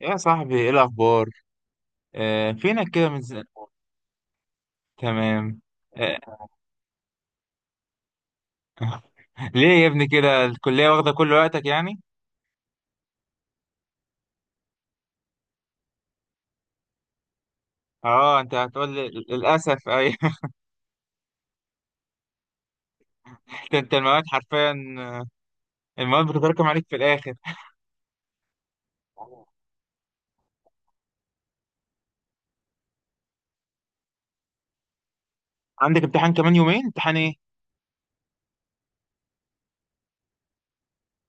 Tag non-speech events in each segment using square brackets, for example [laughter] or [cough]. يا صاحبي، ايه الاخبار؟ آه، فينك كده من زمان؟ تمام. آه، ليه يا ابني كده؟ الكليه واخده كل وقتك يعني. اه، انت هتقول لي للاسف اي [laughs] انت المواد حرفيا، المواد بتتراكم عليك في الاخر. عندك امتحان كمان يومين؟ امتحان ايه؟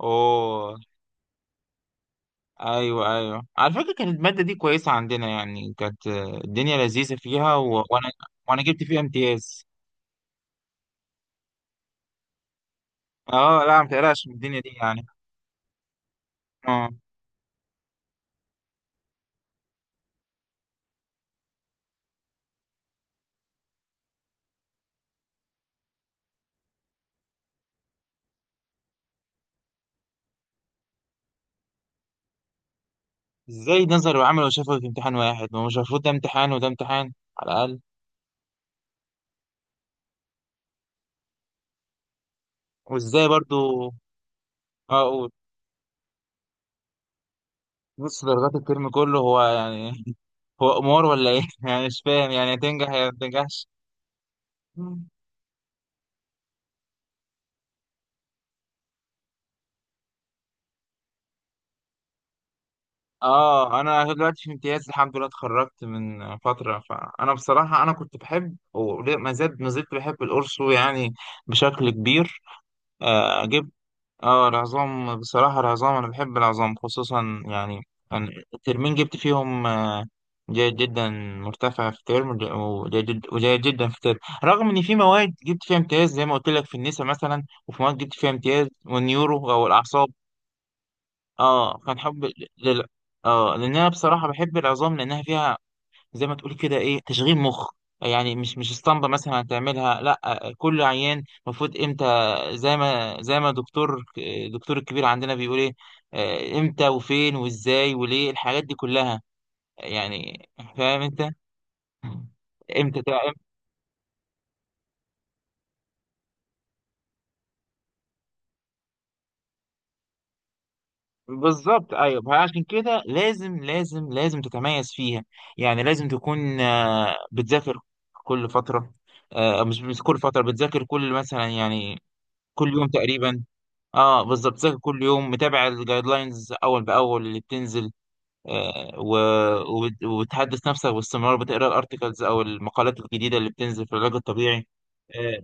اوه، ايوه، ايوه، على فكره كانت الماده دي كويسه عندنا يعني، كانت الدنيا لذيذه فيها، و... وانا وانا جبت فيها امتياز. اه، لا ما تقلقش من الدنيا دي يعني. اه، ازاي ده نظري وعملي وشافوا في امتحان واحد؟ ما هو مش المفروض ده امتحان وده امتحان، على الاقل؟ وازاي برضو؟ اقول، نص درجات الترم كله هو يعني [laughs] هو قمار ولا ايه؟ [laughs] يعني مش فاهم، يعني تنجح يا ما تنجحش. اه، انا دلوقتي في امتياز الحمد لله، اتخرجت من فتره، فانا بصراحه انا كنت بحب، وما زلت ما زلت بحب القرص يعني، بشكل كبير. آه، اه العظام بصراحة، العظام أنا بحب العظام خصوصا يعني. يعني الترمين جبت فيهم جيد جدا، مرتفع في ترم وجيد جدا في ترم، رغم إن في مواد جبت فيها امتياز زي ما قلت لك في النساء مثلا، وفي مواد جبت فيها امتياز والنيورو أو الأعصاب. اه كان حب لل... اه، لأن أنا بصراحة بحب العظام لأنها فيها، زي ما تقول كده، ايه، تشغيل مخ، يعني مش اسطمبة مثلا هتعملها، لا كل عيان المفروض امتى، زي ما الدكتور الكبير عندنا بيقول، ايه، امتى وفين وازاي وليه الحاجات دي كلها يعني. فاهم انت، امتى بالظبط، ايوه، عشان كده لازم لازم لازم تتميز فيها، يعني لازم تكون بتذاكر كل فترة. مش كل فترة، بتذاكر كل، مثلا يعني كل يوم تقريبا. اه، بالظبط، ذاكر كل يوم، متابع الجايد لاينز اول باول اللي بتنزل، آه و... وبتحدث نفسك باستمرار، بتقرا الارتكلز او المقالات الجديده اللي بتنزل في العلاج الطبيعي. آه،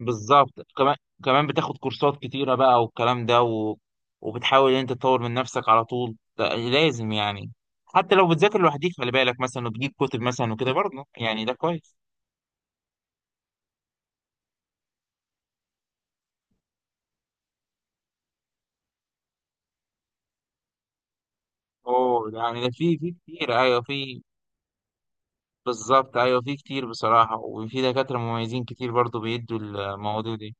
بالظبط، كمان كمان بتاخد كورسات كتيره بقى والكلام ده، وبتحاول ان انت تطور من نفسك على طول، ده لازم يعني. حتى لو بتذاكر لوحدك خلي بالك مثلا، وتجيب كتب مثلا وكده برضه، يعني ده كويس. اوه، يعني ده في كتير، ايوه في. بالظبط، ايوه، في كتير بصراحه، وفي دكاتره مميزين كتير برضو بيدوا المواضيع دي.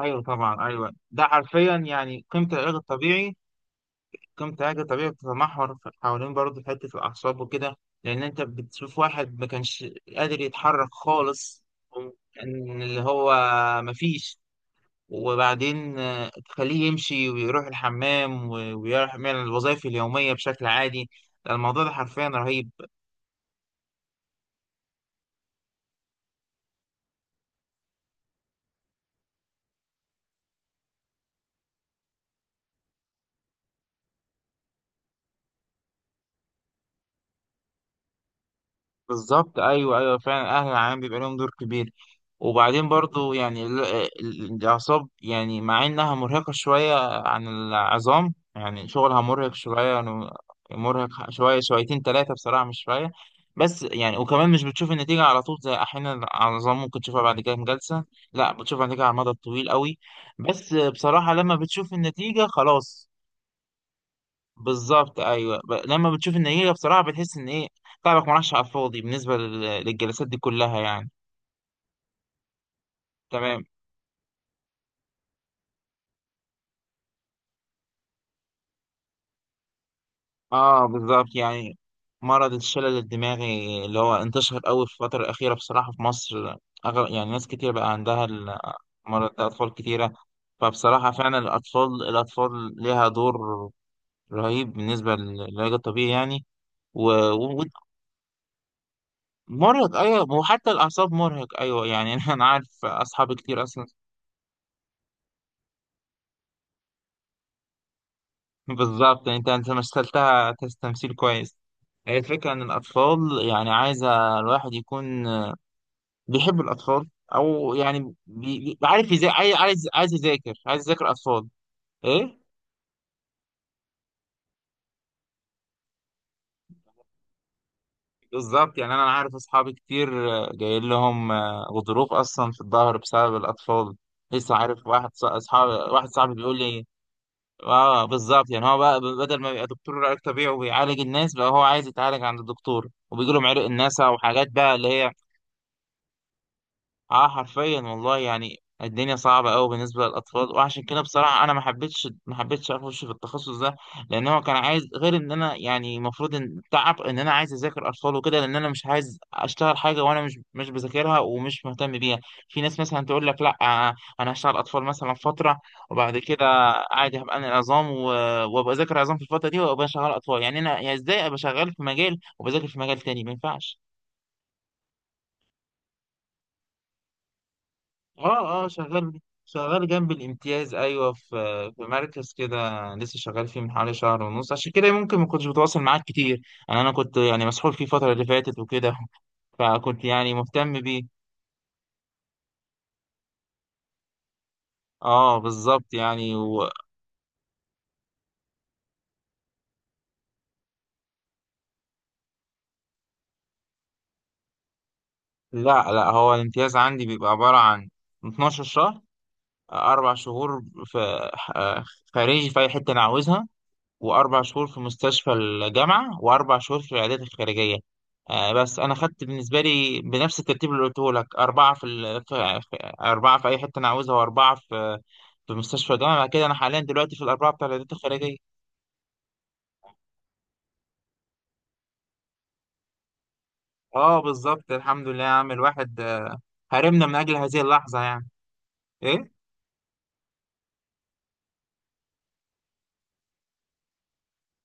ايوه طبعا، ايوه، ده حرفيا يعني قيمه العلاج الطبيعي. قيمه العلاج الطبيعي بتتمحور حوالين برضو حته الاعصاب وكده، لان انت بتشوف واحد ما كانش قادر يتحرك خالص، كان اللي هو مفيش، وبعدين تخليه يمشي ويروح الحمام ويعمل الوظائف اليوميه بشكل عادي. الموضوع ده حرفيا رهيب. بالظبط، ايوه، ايوه، فعلا اهل العام بيبقى لهم دور كبير. وبعدين برضو يعني الاعصاب، يعني مع انها مرهقه شويه عن العظام، يعني شغلها مرهق شويه يعني، مرهق شويه شويتين ثلاثه بصراحه، مش شويه. بس يعني وكمان مش بتشوف النتيجه على طول، زي احيانا العظام ممكن تشوفها بعد كام جلسه، لا بتشوف النتيجه على المدى الطويل قوي. بس بصراحه لما بتشوف النتيجه، خلاص. بالظبط، ايوه، لما بتشوف النتيجه بصراحه بتحس ان ايه، تعبك ما راحش على الفاضي بالنسبه للجلسات دي كلها يعني. تمام. اه بالظبط يعني، مرض الشلل الدماغي اللي هو انتشر قوي في الفتره الاخيره بصراحه في مصر، يعني ناس كتير بقى عندها المرض ده، اطفال كتيره. فبصراحه فعلا الاطفال الاطفال ليها دور رهيب بالنسبه للعلاج الطبيعي يعني. ومرهق. ايوه، وحتى الاعصاب مرهق، ايوه يعني [laughs] انا عارف اصحابي كتير اصلا. بالظبط، يعني انت مثلتها تمثيل كويس. هي الفكره ان الاطفال، يعني عايزه الواحد يكون بيحب الاطفال، او يعني عارف ازاي، عايز يذاكر اطفال. ايه. بالظبط، يعني انا عارف اصحابي كتير، جايين لهم غضروف اصلا في الظهر بسبب الاطفال. لسه عارف واحد ص- اصحابي واحد صاحبي بيقول لي. اه بالظبط، يعني هو بقى بدل ما يبقى دكتور علاج طبيعي وبيعالج الناس، بقى هو عايز يتعالج عند الدكتور، وبيجي لهم عرق الناس وحاجات بقى اللي هي. اه حرفيا والله يعني، الدنيا صعبة قوي بالنسبة للأطفال، وعشان كده بصراحة أنا ما حبيتش أخش في التخصص ده، لأن هو كان عايز، غير إن أنا يعني المفروض إن تعب إن أنا عايز أذاكر أطفال وكده، لأن أنا مش عايز أشتغل حاجة وأنا مش بذاكرها ومش مهتم بيها. في ناس مثلا تقول لك، لا، أنا هشتغل أطفال مثلا فترة، وبعد كده عادي هبقى أنا العظام، وأبقى أذاكر عظام في الفترة دي وأبقى شغال أطفال. يعني أنا، يعني إزاي أبقى شغال في مجال وبذاكر في مجال تاني؟ ما ينفعش. اه اه، شغال شغال جنب الامتياز، ايوه، في في مركز كده، لسه شغال فيه من حوالي شهر ونص، عشان كده ممكن ما كنتش بتواصل معاك كتير. انا كنت يعني مسحول فيه الفتره اللي فاتت وكده [laughs] فكنت يعني مهتم بيه. اه بالظبط يعني لا لا، هو الامتياز عندي بيبقى عباره عن 12 شهر: اربع شهور في آه، خارجي في اي حته انا عاوزها، وأربع شهور في مستشفى الجامعة، وأربع شهور في العيادات الخارجية. بس أنا خدت بالنسبة لي بنفس الترتيب اللي قلته لك، أربعة في, ال... في... في أربعة في أي حتة أنا عاوزها، وأربعة في مستشفى الجامعة، بعد كده أنا حاليا دلوقتي في الأربعة بتاع العيادات الخارجية. أه بالظبط، الحمد لله يا عم، الواحد هرمنا من أجل هذه اللحظة يعني. إيه؟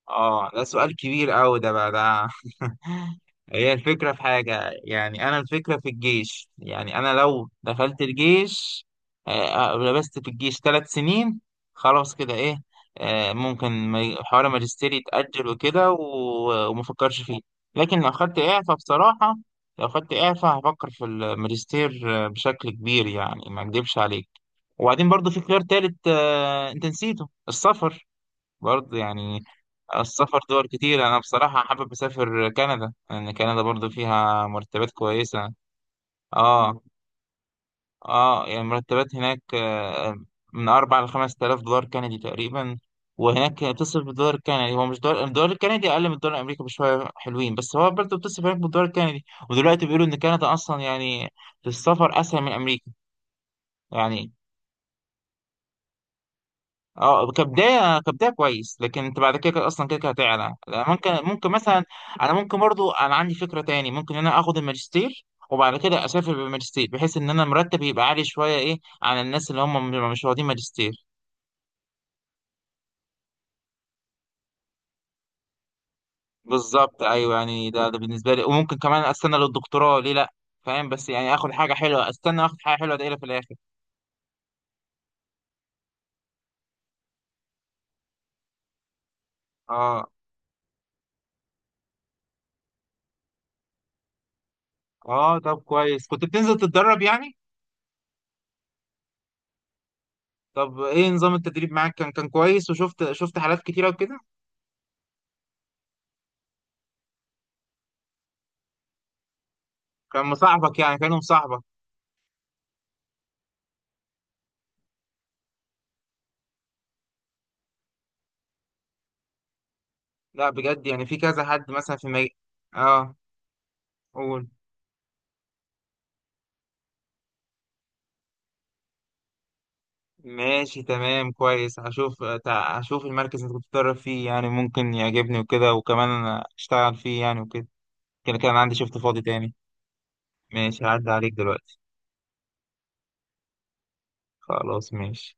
اه، ده سؤال كبير قوي ده بقى ده [laughs] هي الفكرة في حاجة يعني، أنا الفكرة في الجيش، يعني أنا لو دخلت الجيش، لبست في الجيش ثلاث سنين، خلاص كده، إيه، ممكن حوار ماجستير يتأجل وكده، وما أفكرش فيه. لكن لو خدت إعفاء بصراحة، لو خدت إعفاء هفكر في الماجستير بشكل كبير يعني، ما أكدبش عليك. وبعدين برضو في خيار تالت، أنت نسيته، السفر، برضه يعني. السفر دول كتير، انا بصراحة حابب اسافر كندا، لان كندا برضو فيها مرتبات كويسة. اه اه، يعني المرتبات هناك من اربع لخمس تلاف دولار كندي تقريبا. وهناك بتصرف بالدولار الكندي، هو مش دولار، الدولار الكندي اقل من الدولار الامريكي بشوية حلوين، بس هو برضو بتصرف هناك بالدولار الكندي. ودلوقتي بيقولوا ان كندا اصلا يعني في السفر اسهل من امريكا. يعني اه، كبدايه كويس، لكن انت بعد كده كده اصلا كده كده هتعلى، لا، ممكن مثلا، انا ممكن برضو، انا عندي فكره تاني، ممكن ان انا اخد الماجستير وبعد كده اسافر بالماجستير، بحيث ان انا مرتب يبقى عالي شويه، ايه، عن الناس اللي هم مش واخدين ماجستير. بالظبط ايوه، يعني ده بالنسبه لي، وممكن كمان استنى للدكتوراه، ليه لا؟ فاهم، بس يعني اخد حاجه حلوه، استنى اخد حاجه حلوه دايره في الاخر. اه اه، طب كويس، كنت بتنزل تتدرب يعني. طب ايه نظام التدريب معاك؟ كان كويس؟ وشفت حالات كتيره وكده؟ كان مصاحبك؟ يعني كانوا مصاحبك؟ لا بجد، يعني في كذا حد مثلا في اه قول. ماشي تمام كويس، هشوف المركز اللي كنت بتدرب فيه، يعني ممكن يعجبني وكده، وكمان أنا اشتغل فيه يعني وكده. كان عندي شفت فاضي تاني. ماشي، هعدي عليك دلوقتي. خلاص ماشي.